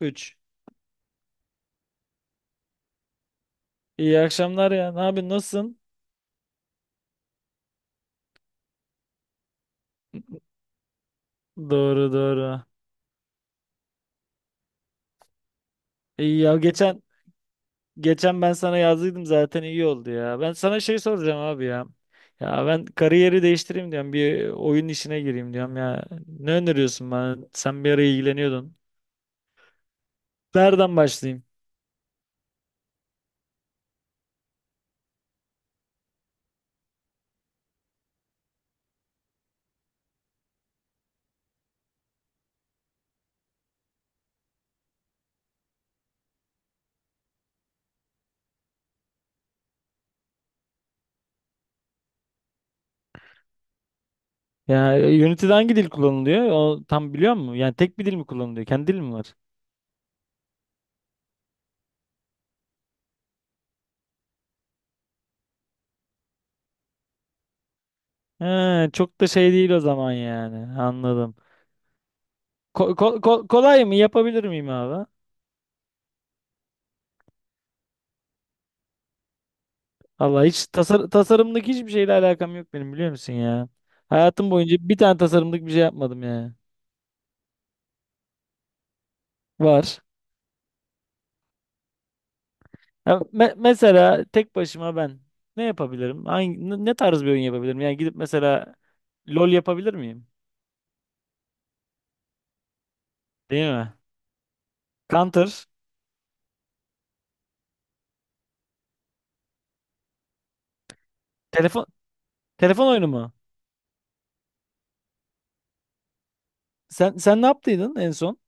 3. İyi akşamlar ya. Ne yapıyorsun? Nasılsın? Doğru doğru. İyi ya geçen ben sana yazdıydım zaten iyi oldu ya. Ben sana şey soracağım abi ya. Ya ben kariyeri değiştireyim diyorum. Bir oyun işine gireyim diyorum ya. Ne öneriyorsun bana? Sen bir ara ilgileniyordun. Nereden başlayayım? Ya Unity'de hangi dil kullanılıyor? O tam biliyor musun? Yani tek bir dil mi kullanılıyor? Kendi dil mi var? He, çok da şey değil o zaman yani. Anladım. Kolay mı? Yapabilir miyim abi? Vallahi hiç tasarımlık hiçbir şeyle alakam yok benim biliyor musun ya? Hayatım boyunca bir tane tasarımlık bir şey yapmadım ya. Var. Ya mesela tek başıma ben ne yapabilirim? Ne tarz bir oyun yapabilirim? Yani gidip mesela LOL yapabilir miyim? Değil mi? Counter. Telefon telefon oyunu mu? Sen ne yaptıydın en son?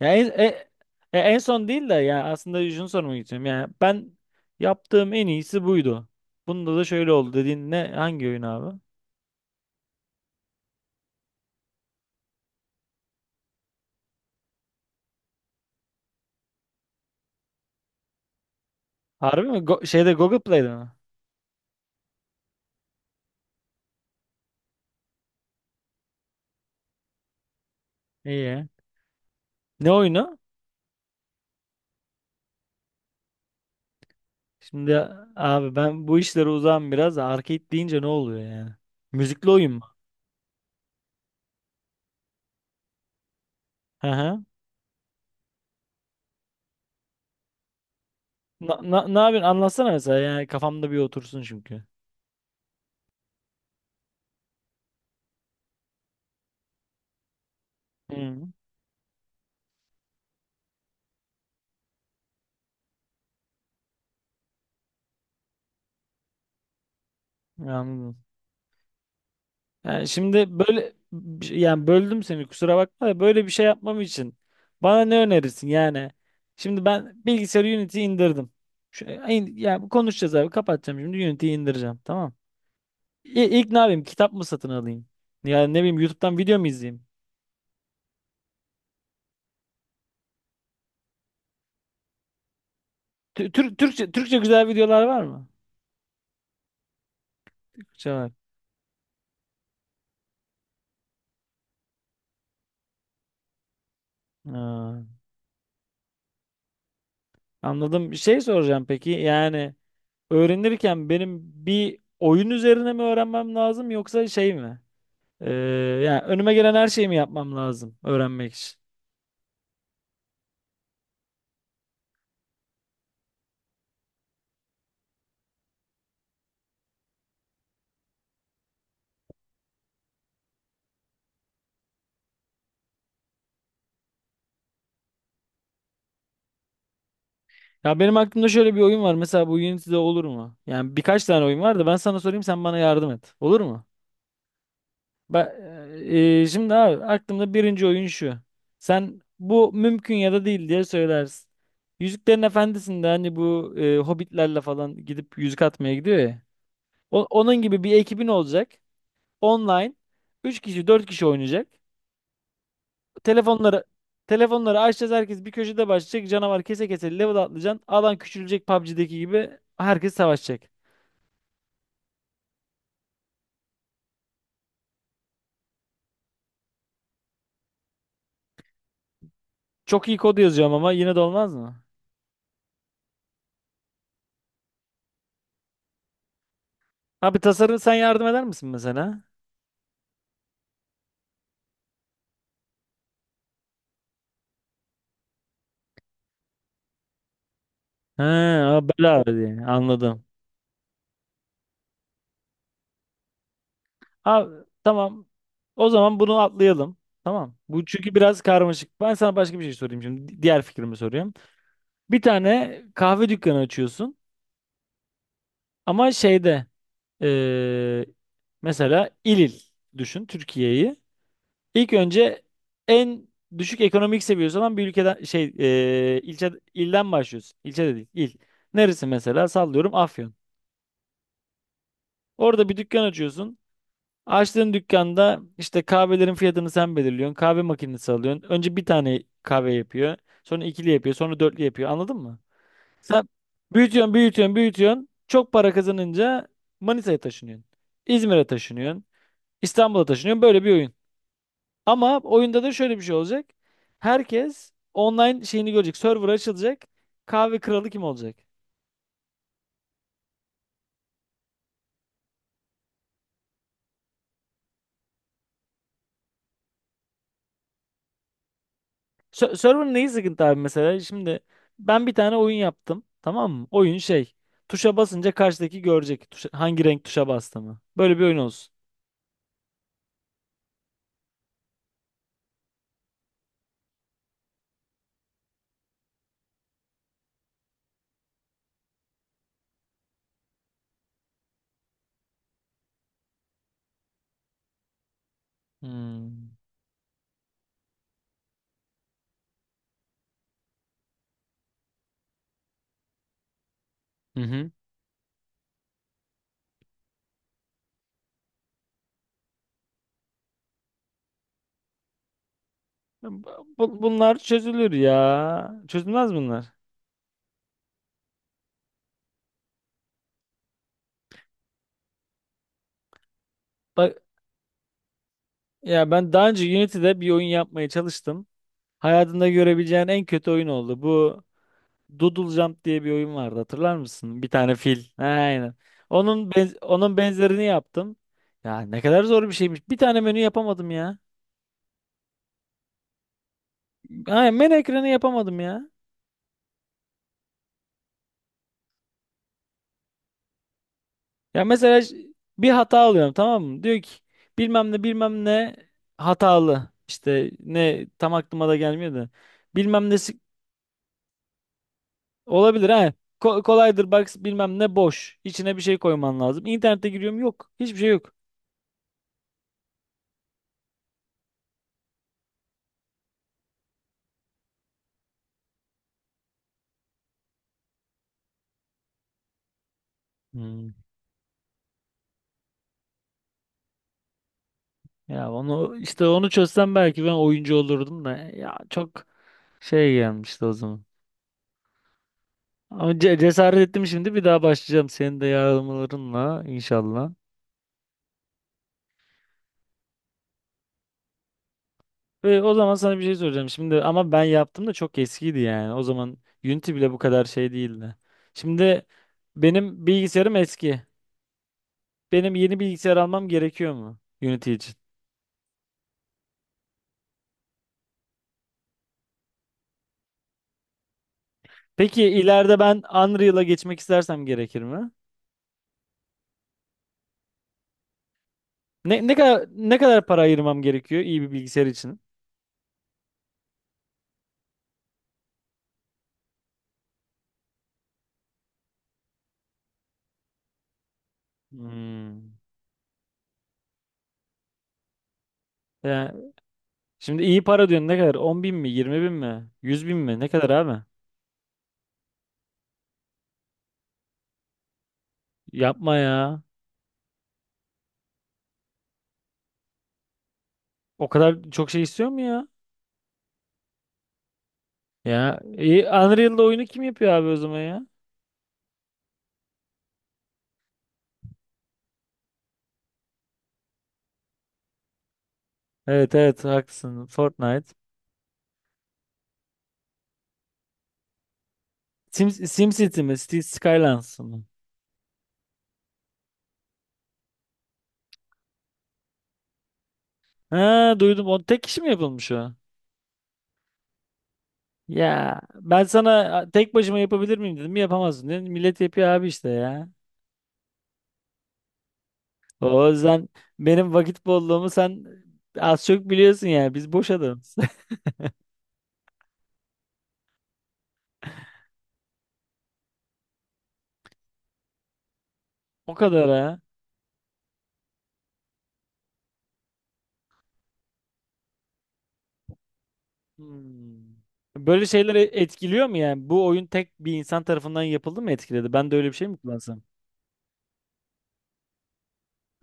Ya en son değil de ya aslında şunu sormak istiyorum. Yani ben yaptığım en iyisi buydu. Bunda da şöyle oldu dediğin ne hangi oyun abi? Harbi mi? Şeyde Google Play'de mi? İyi. Ne oyunu? Şimdi abi ben bu işlere uzağım biraz. Arcade deyince ne oluyor yani? Müzikli oyun mu? Hı hı. Ne yapıyorsun? Anlatsana mesela. Yani kafamda bir otursun çünkü. Hı. Anladım. Yani şimdi böyle yani böldüm seni kusura bakma da böyle bir şey yapmam için bana ne önerirsin yani? Şimdi ben bilgisayarı Unity'yi indirdim. Yani konuşacağız abi kapatacağım şimdi Unity'yi indireceğim tamam. İlk ne yapayım? Kitap mı satın alayım? Yani ne bileyim YouTube'dan video mu izleyeyim? Türkçe güzel videolar var mı? Türkçe var. Ha, anladım. Bir şey soracağım peki. Yani öğrenirken benim bir oyun üzerine mi öğrenmem lazım yoksa şey mi? Ee, yani önüme gelen her şeyi mi yapmam lazım öğrenmek için? Ya benim aklımda şöyle bir oyun var. Mesela bu Unity'de olur mu? Yani birkaç tane oyun var da ben sana sorayım sen bana yardım et. Olur mu? Ba- şimdi abi aklımda birinci oyun şu. Sen bu mümkün ya da değil diye söylersin. Yüzüklerin Efendisi'nde hani bu hobbitlerle falan gidip yüzük atmaya gidiyor ya. Onun gibi bir ekibin olacak. Online. Üç kişi 4 kişi oynayacak. Telefonları telefonları açacağız herkes bir köşede başlayacak. Canavar kese kese level atlayacaksın. Alan küçülecek PUBG'deki gibi herkes savaşacak. Çok iyi kod yazıyorum ama yine de olmaz mı? Abi tasarım sen yardım eder misin mesela? He, o bela diye. Anladım. Abi, tamam. O zaman bunu atlayalım. Tamam. Bu çünkü biraz karmaşık. Ben sana başka bir şey sorayım şimdi. Diğer fikrimi soruyorum. Bir tane kahve dükkanı açıyorsun ama şeyde eee, mesela il il düşün Türkiye'yi. İlk önce en düşük ekonomik seviyesi olan bir ülkeden ilçe ilden başlıyorsun. İlçe de değil, il. Neresi mesela? Sallıyorum Afyon. Orada bir dükkan açıyorsun. Açtığın dükkanda işte kahvelerin fiyatını sen belirliyorsun. Kahve makinesi alıyorsun. Önce bir tane kahve yapıyor. Sonra ikili yapıyor. Sonra dörtlü yapıyor. Anladın mı? Sen büyütüyorsun, büyütüyorsun, büyütüyorsun. Çok para kazanınca Manisa'ya taşınıyorsun. İzmir'e taşınıyorsun. İstanbul'a taşınıyorsun. Böyle bir oyun. Ama oyunda da şöyle bir şey olacak. Herkes online şeyini görecek. Server açılacak. Kahve kralı kim olacak? Server'ın neyi sıkıntı abi mesela? Şimdi ben bir tane oyun yaptım. Tamam mı? Oyun şey. Tuşa basınca karşıdaki görecek. Hangi renk tuşa bastığımı. Böyle bir oyun olsun. Hmm. Hı hı. Bunlar çözülür ya. Çözülmez bunlar. Bak ya ben daha önce Unity'de bir oyun yapmaya çalıştım. Hayatında görebileceğin en kötü oyun oldu. Bu Doodle Jump diye bir oyun vardı hatırlar mısın? Bir tane fil. Aynen. Onun benzerini yaptım. Ya ne kadar zor bir şeymiş. Bir tane menü yapamadım ya. Aynen menü ekranı yapamadım ya. Ya mesela bir hata alıyorum tamam mı? Diyor ki bilmem ne bilmem ne hatalı. İşte ne tam aklıma da gelmiyor da. Bilmem nesi olabilir ha. Kolaydır bak bilmem ne boş. İçine bir şey koyman lazım. İnternete giriyorum yok. Hiçbir şey yok. Hmm. Ya onu işte onu çözsem belki ben oyuncu olurdum da ya çok şey gelmişti o zaman. Ama cesaret ettim şimdi bir daha başlayacağım senin de yardımlarınla inşallah. Ve o zaman sana bir şey soracağım. Şimdi ama ben yaptım da çok eskiydi yani. O zaman Unity bile bu kadar şey değildi. Şimdi benim bilgisayarım eski. Benim yeni bilgisayar almam gerekiyor mu Unity için? Peki ileride ben Unreal'a geçmek istersem gerekir mi? Ne kadar para ayırmam gerekiyor iyi bir bilgisayar için? Hmm. Ya, şimdi iyi para diyorsun ne kadar? 10.000 mi? 20.000 mi? 100.000 mi? Ne kadar abi? Yapma ya. O kadar çok şey istiyor mu ya? Ya iyi, Unreal'da oyunu kim yapıyor abi o zaman ya? Evet evet haklısın. Fortnite. SimCity mi? City Skylines mı? Ha duydum. O tek kişi mi yapılmış o? Ya ben sana tek başıma yapabilir miyim dedim. Yapamazsın dedim. Millet yapıyor abi işte ya. O yüzden benim vakit bolluğumu sen az çok biliyorsun yani. Biz boş adamız. O kadar ha. Hmm. Böyle şeyler etkiliyor mu yani? Bu oyun tek bir insan tarafından yapıldı mı etkiledi? Ben de öyle bir şey mi kullansam?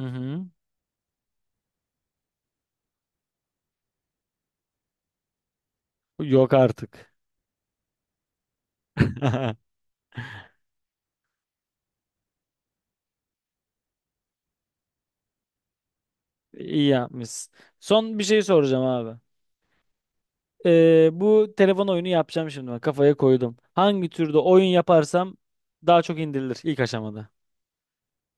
Hı hı. Yok artık. İyi yapmışsın. Son bir şey soracağım abi. Bu telefon oyunu yapacağım şimdi. Ben kafaya koydum. Hangi türde oyun yaparsam daha çok indirilir ilk aşamada.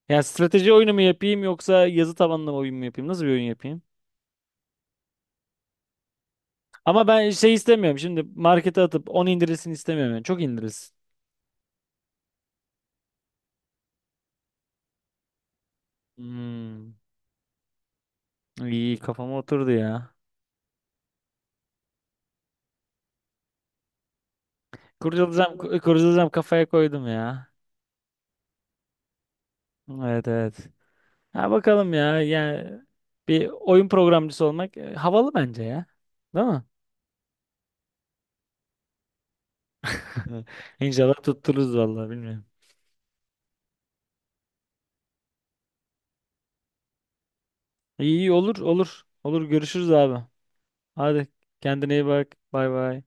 Yani strateji oyunu mu yapayım yoksa yazı tabanlı oyun mu yapayım? Nasıl bir oyun yapayım? Ama ben şey istemiyorum. Şimdi markete atıp 10 indirilsin istemiyorum. Yani. Çok indirilsin. Hmm. İyi kafama oturdu ya. Kurcalayacağım kafaya koydum ya. Evet evet. Ha bakalım ya. Yani bir oyun programcısı olmak havalı bence ya. Değil mi? İnşallah tuttururuz vallahi bilmiyorum. İyi iyi olur olur. Olur görüşürüz abi. Hadi kendine iyi bak. Bay bay.